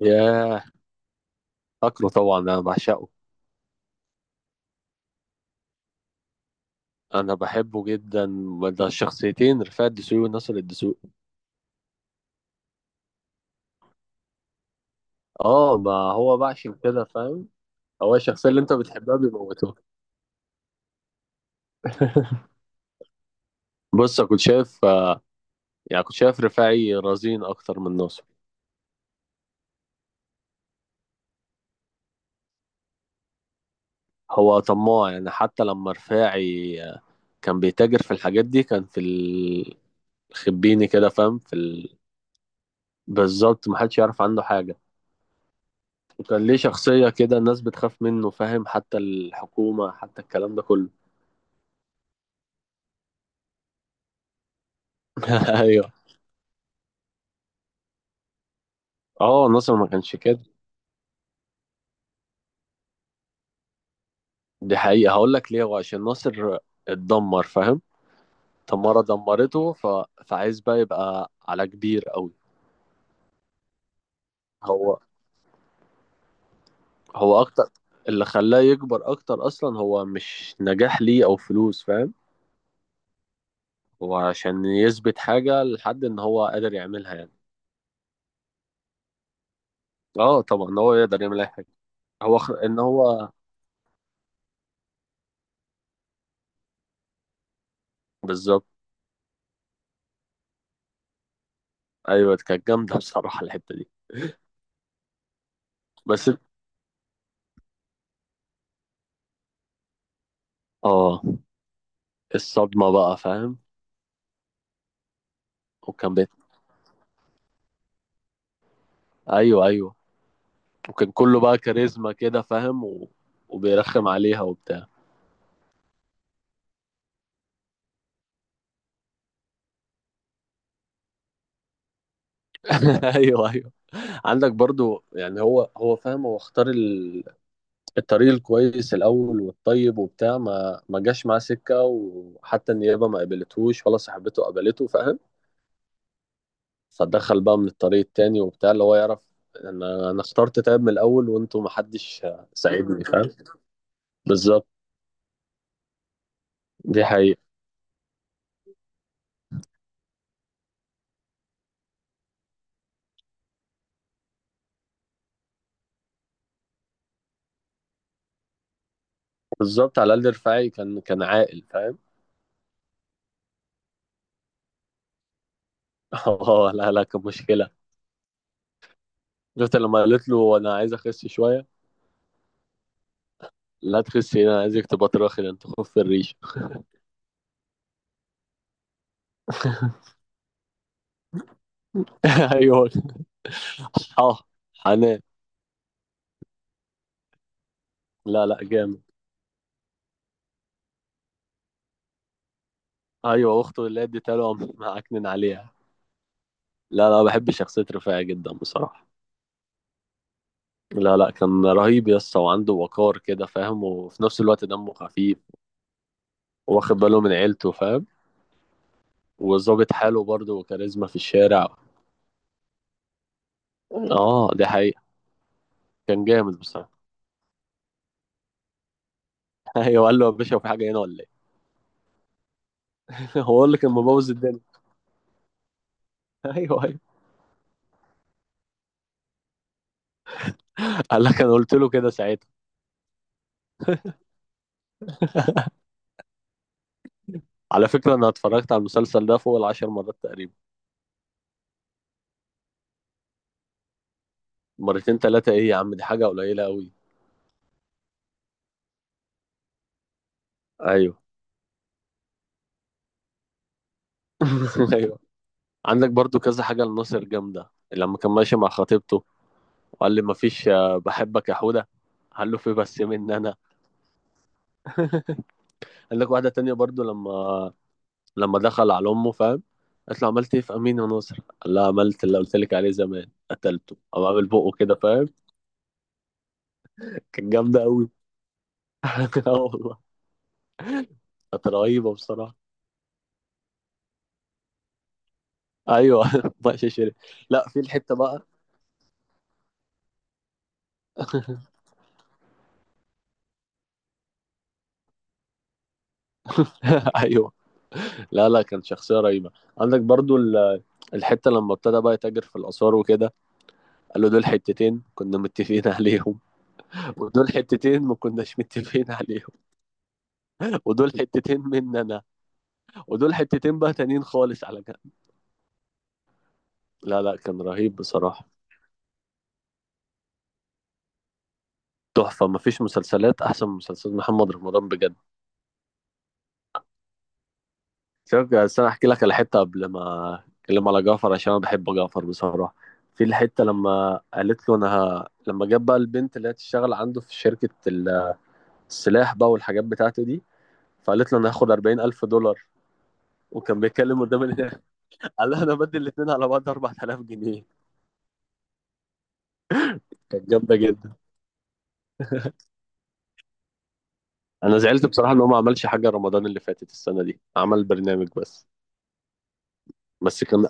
ياه، فاكره طبعا انا بعشقه. انا بحبه جدا. ده الشخصيتين رفاعي الدسوقي وناصر الدسوقي. اه ما هو بقى عشان كده فاهم. هو الشخصيه اللي انت بتحبها بيموتوها. بص أنا كنت شايف يعني كنت شايف رفاعي رزين اكتر من ناصر. هو طماع يعني حتى لما رفاعي كان بيتاجر في الحاجات دي كان في الخبيني كده فاهم في بالظبط محدش يعرف عنه حاجه. وكان ليه شخصيه كده الناس بتخاف منه فاهم حتى الحكومه حتى الكلام ده كله. ايوه، اه ناصر ما كانش كده. دي حقيقة هقول لك ليه، هو عشان ناصر اتدمر فاهم. تمارا دمرته فعايز بقى يبقى على كبير قوي. هو هو اكتر اللي خلاه يكبر اكتر اصلا هو مش نجاح ليه او فلوس فاهم. هو عشان يثبت حاجة لحد ان هو قادر يعملها يعني. اه طبعا هو يقدر يعمل اي حاجة. هو ان هو بالظبط. ايوه كانت جامدة بصراحة الحتة دي. بس اه الصدمة بقى فاهم. وكان بيت، ايوه ايوه وكان كله بقى كاريزما كده فاهم و... وبيرخم عليها وبتاع. ايوه ايوه. عندك برضو يعني هو هو فاهم هو اختار الطريق الكويس الاول والطيب وبتاع، ما جاش معاه سكه وحتى النيابه ما قبلتهوش ولا صاحبته قبلته فاهم. فدخل بقى من الطريق التاني وبتاع اللي هو يعرف. انا اخترت تاب من الاول وانتوا ما حدش ساعدني فاهم. بالظبط. دي حقيقة. بالظبط، على الاقل رفاعي كان عاقل فاهم. اه لا لا كان مشكله. شفت لما قالت له انا عايز اخس شويه؟ لا تخسي انا عايزك تبقى تراخي ده انت خف الريش. ايوه، اه حنان. لا لا جامد. ايوه اخته اللي اديتها له قام معكنن عليها. لا لا بحب شخصيه رفاعي جدا بصراحه. لا لا كان رهيب يسطا وعنده وقار كده فاهم وفي نفس الوقت دمه خفيف. واخد باله من عيلته فاهم. وظابط حاله برضه وكاريزما في الشارع. اه دي حقيقه. كان جامد بصراحه. ايوه، قال له يا باشا في حاجه هنا ولا ايه؟ هو اللي كان مبوظ الدنيا. ايوه، قال لك انا قلت له كده ساعتها. على فكره انا اتفرجت على المسلسل ده فوق العشر مرات تقريبا. مرتين ثلاثه ايه يا عم؟ دي حاجه قليله قوي. ايوه، ايوه. عندك برضو كذا حاجه لناصر جامده، لما كان ماشي مع خطيبته وقال لي مفيش بحبك يا حوده، قال له في بس مني انا. قال لك واحده تانية برضو لما دخل على امه فاهم، قالت له عملت ايه في امين يا ناصر؟ قال لها عملت اللي قلت لك عليه زمان قتلته او عامل بقه كده فاهم. كانت جامده قوي. اه والله كانت رهيبه بصراحه. ايوه، بقى شيري. لا في الحته بقى. ايوه، لا لا كان شخصيه رهيبه. عندك برضو الحته لما ابتدى بقى يتاجر في الاثار وكده. قال له دول حتتين كنا متفقين عليهم، ودول حتتين ما كناش متفقين عليهم، ودول حتتين مننا، ودول حتتين بقى تانيين خالص على جنب. لا لا كان رهيب بصراحه. تحفه، ما فيش مسلسلات احسن من مسلسلات محمد رمضان بجد. شوف بس انا احكي لك على حته قبل ما اتكلم على جعفر عشان انا بحب جعفر بصراحه. في الحته لما قالت له انا لما جاب بقى البنت اللي هي تشتغل عنده في شركه السلاح بقى والحاجات بتاعته دي، فقالت له انا هاخد $40,000 وكان بيتكلم قدام قال لها انا بدي الاثنين على بعض 4,000 جنيه. كانت جامده جدا. انا زعلت بصراحه ان هو ما عملش حاجه رمضان اللي فاتت، السنه دي عمل برنامج بس. بس كان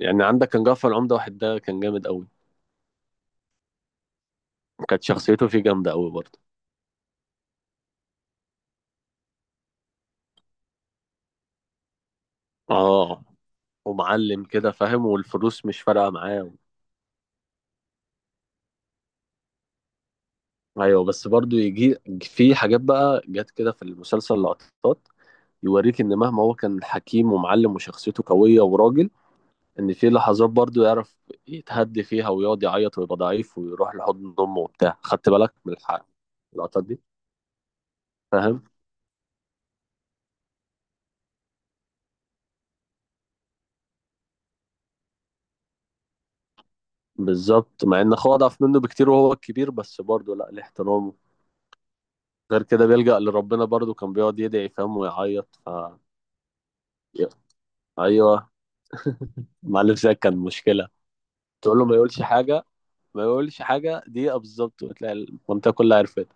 يعني عندك كان جعفر العمده واحد ده كان جامد قوي. كانت شخصيته فيه جامده قوي برضه. اه ومعلم كده فاهم والفلوس مش فارقة معاه. ايوه بس برضو يجي في حاجات بقى جت كده في المسلسل لقطات يوريك ان مهما هو كان حكيم ومعلم وشخصيته قوية وراجل، ان في لحظات برضو يعرف يتهدي فيها ويقعد يعيط ويبقى ضعيف ويروح لحضن امه وبتاع. خدت بالك من الحق اللقطات دي فاهم. بالظبط مع ان اخوه اضعف منه بكتير وهو الكبير بس برضو لا ليه احترامه. غير كده بيلجأ لربنا برضو كان بيقعد يدعي فاهم ويعيط ايوه. معلم زي كان مشكلة. تقول له ما يقولش حاجه، ما يقولش حاجه دقيقه بالظبط وتلاقي المنطقه كلها عرفت.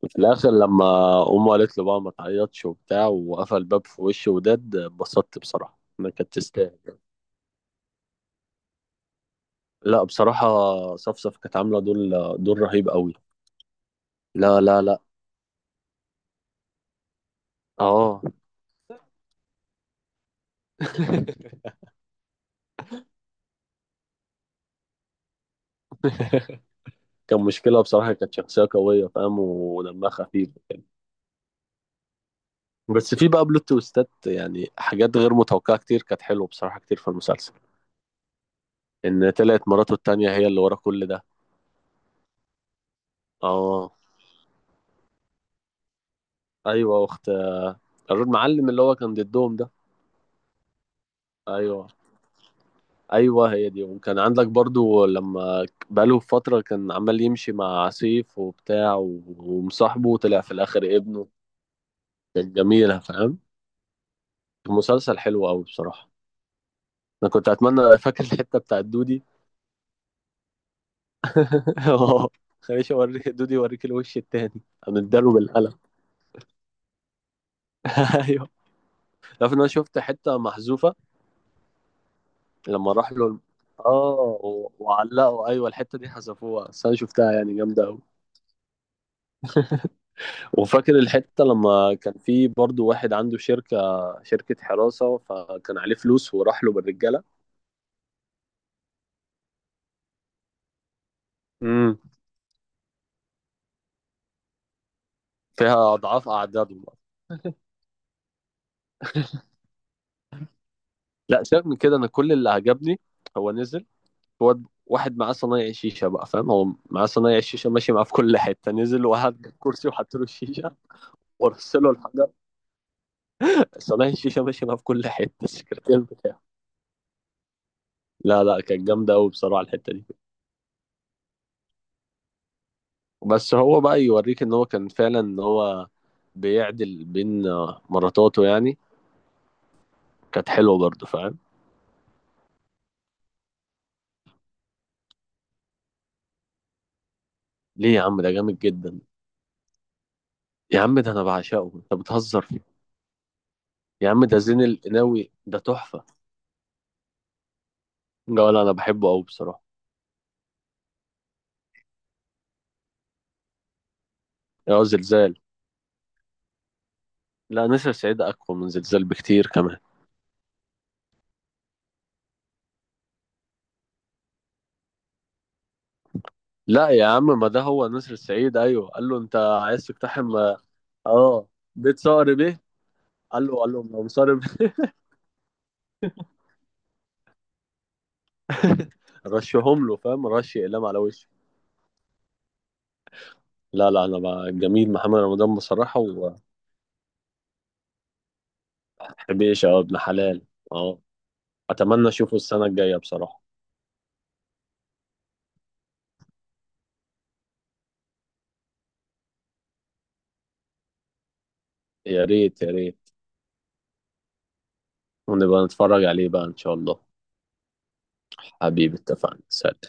في الاخر لما امه قالت له بقى ما تعيطش وبتاع وقفل الباب في وشه، وداد اتبسطت بصراحه انا، كانت تستاهل. لا بصراحه صفصف كانت عامله دور رهيب قوي. لا لا لا اه. كان مشكلة بصراحة، كانت شخصية قوية فاهم ودمها خفيف. بس في بقى بلوت تويستات يعني حاجات غير متوقعة كتير كانت حلوة بصراحة كتير في المسلسل. إن طلعت مراته التانية هي اللي ورا كل ده. اه ايوه اخت المعلم اللي هو كان ضدهم ده. ايوه ايوه هي دي. وكان عندك برضو لما بقاله فتره كان عمال يمشي مع سيف وبتاع ومصاحبه، وطلع في الاخر ابنه. كان جميله فاهم. المسلسل حلو قوي بصراحه. انا كنت اتمنى، فاكر الحته بتاعت دودي؟ اه خليش اوريك دودي يوريك الوش التاني. انا اداله بالقلم. ايوه. عارف ان انا شفت حته محذوفه لما راح له. اه وعلقوا ايوه، الحته دي حذفوها بس انا شفتها يعني جامده قوي. وفاكر الحتة لما كان في برضو واحد عنده شركة حراسة، فكان عليه فلوس وراح له بالرجالة. امم، فيها أضعاف أعدادهم. لا سيبك من كده، أنا كل اللي عجبني هو نزل، هو واحد معاه صنايع شيشة بقى فاهم، هو معاه صنايع شيشة ماشي معاه في كل حتة، نزل وقعد على الكرسي وحط له الشيشة ورص له الحجر، صنايع الشيشة ماشي معاه في كل حتة السكرتير بتاعه. لا لا كانت جامدة أوي بصراحة الحتة دي. بس هو بقى يوريك ان هو كان فعلا ان هو بيعدل بين مراتاته يعني. كانت حلوه برضه فاهم. ليه يا عم؟ ده جامد جدا. يا عم ده انا بعشقه، انت بتهزر فيه؟ يا عم ده زين القناوي ده تحفه. لا ولا انا بحبه قوي بصراحه. يا زلزال؟ لا نسر سعيد اقوى من زلزال بكتير كمان. لا يا عم ما ده هو نسر سعيد، ايوه قال له انت عايز تقتحم اه بيت صقر بيه، قال له لو صقر بيه. رشهم له فاهم، رش اقلام على وشه. لا لا انا بقى جميل محمد رمضان بصراحه. وحبيش اه ابن حلال. اه. اتمنى اشوفه السنه الجايه بصراحه. يا ريت يا ريت، ونبقى نتفرج عليه بقى ان شاء الله. حبيبي اتفقنا، سلام.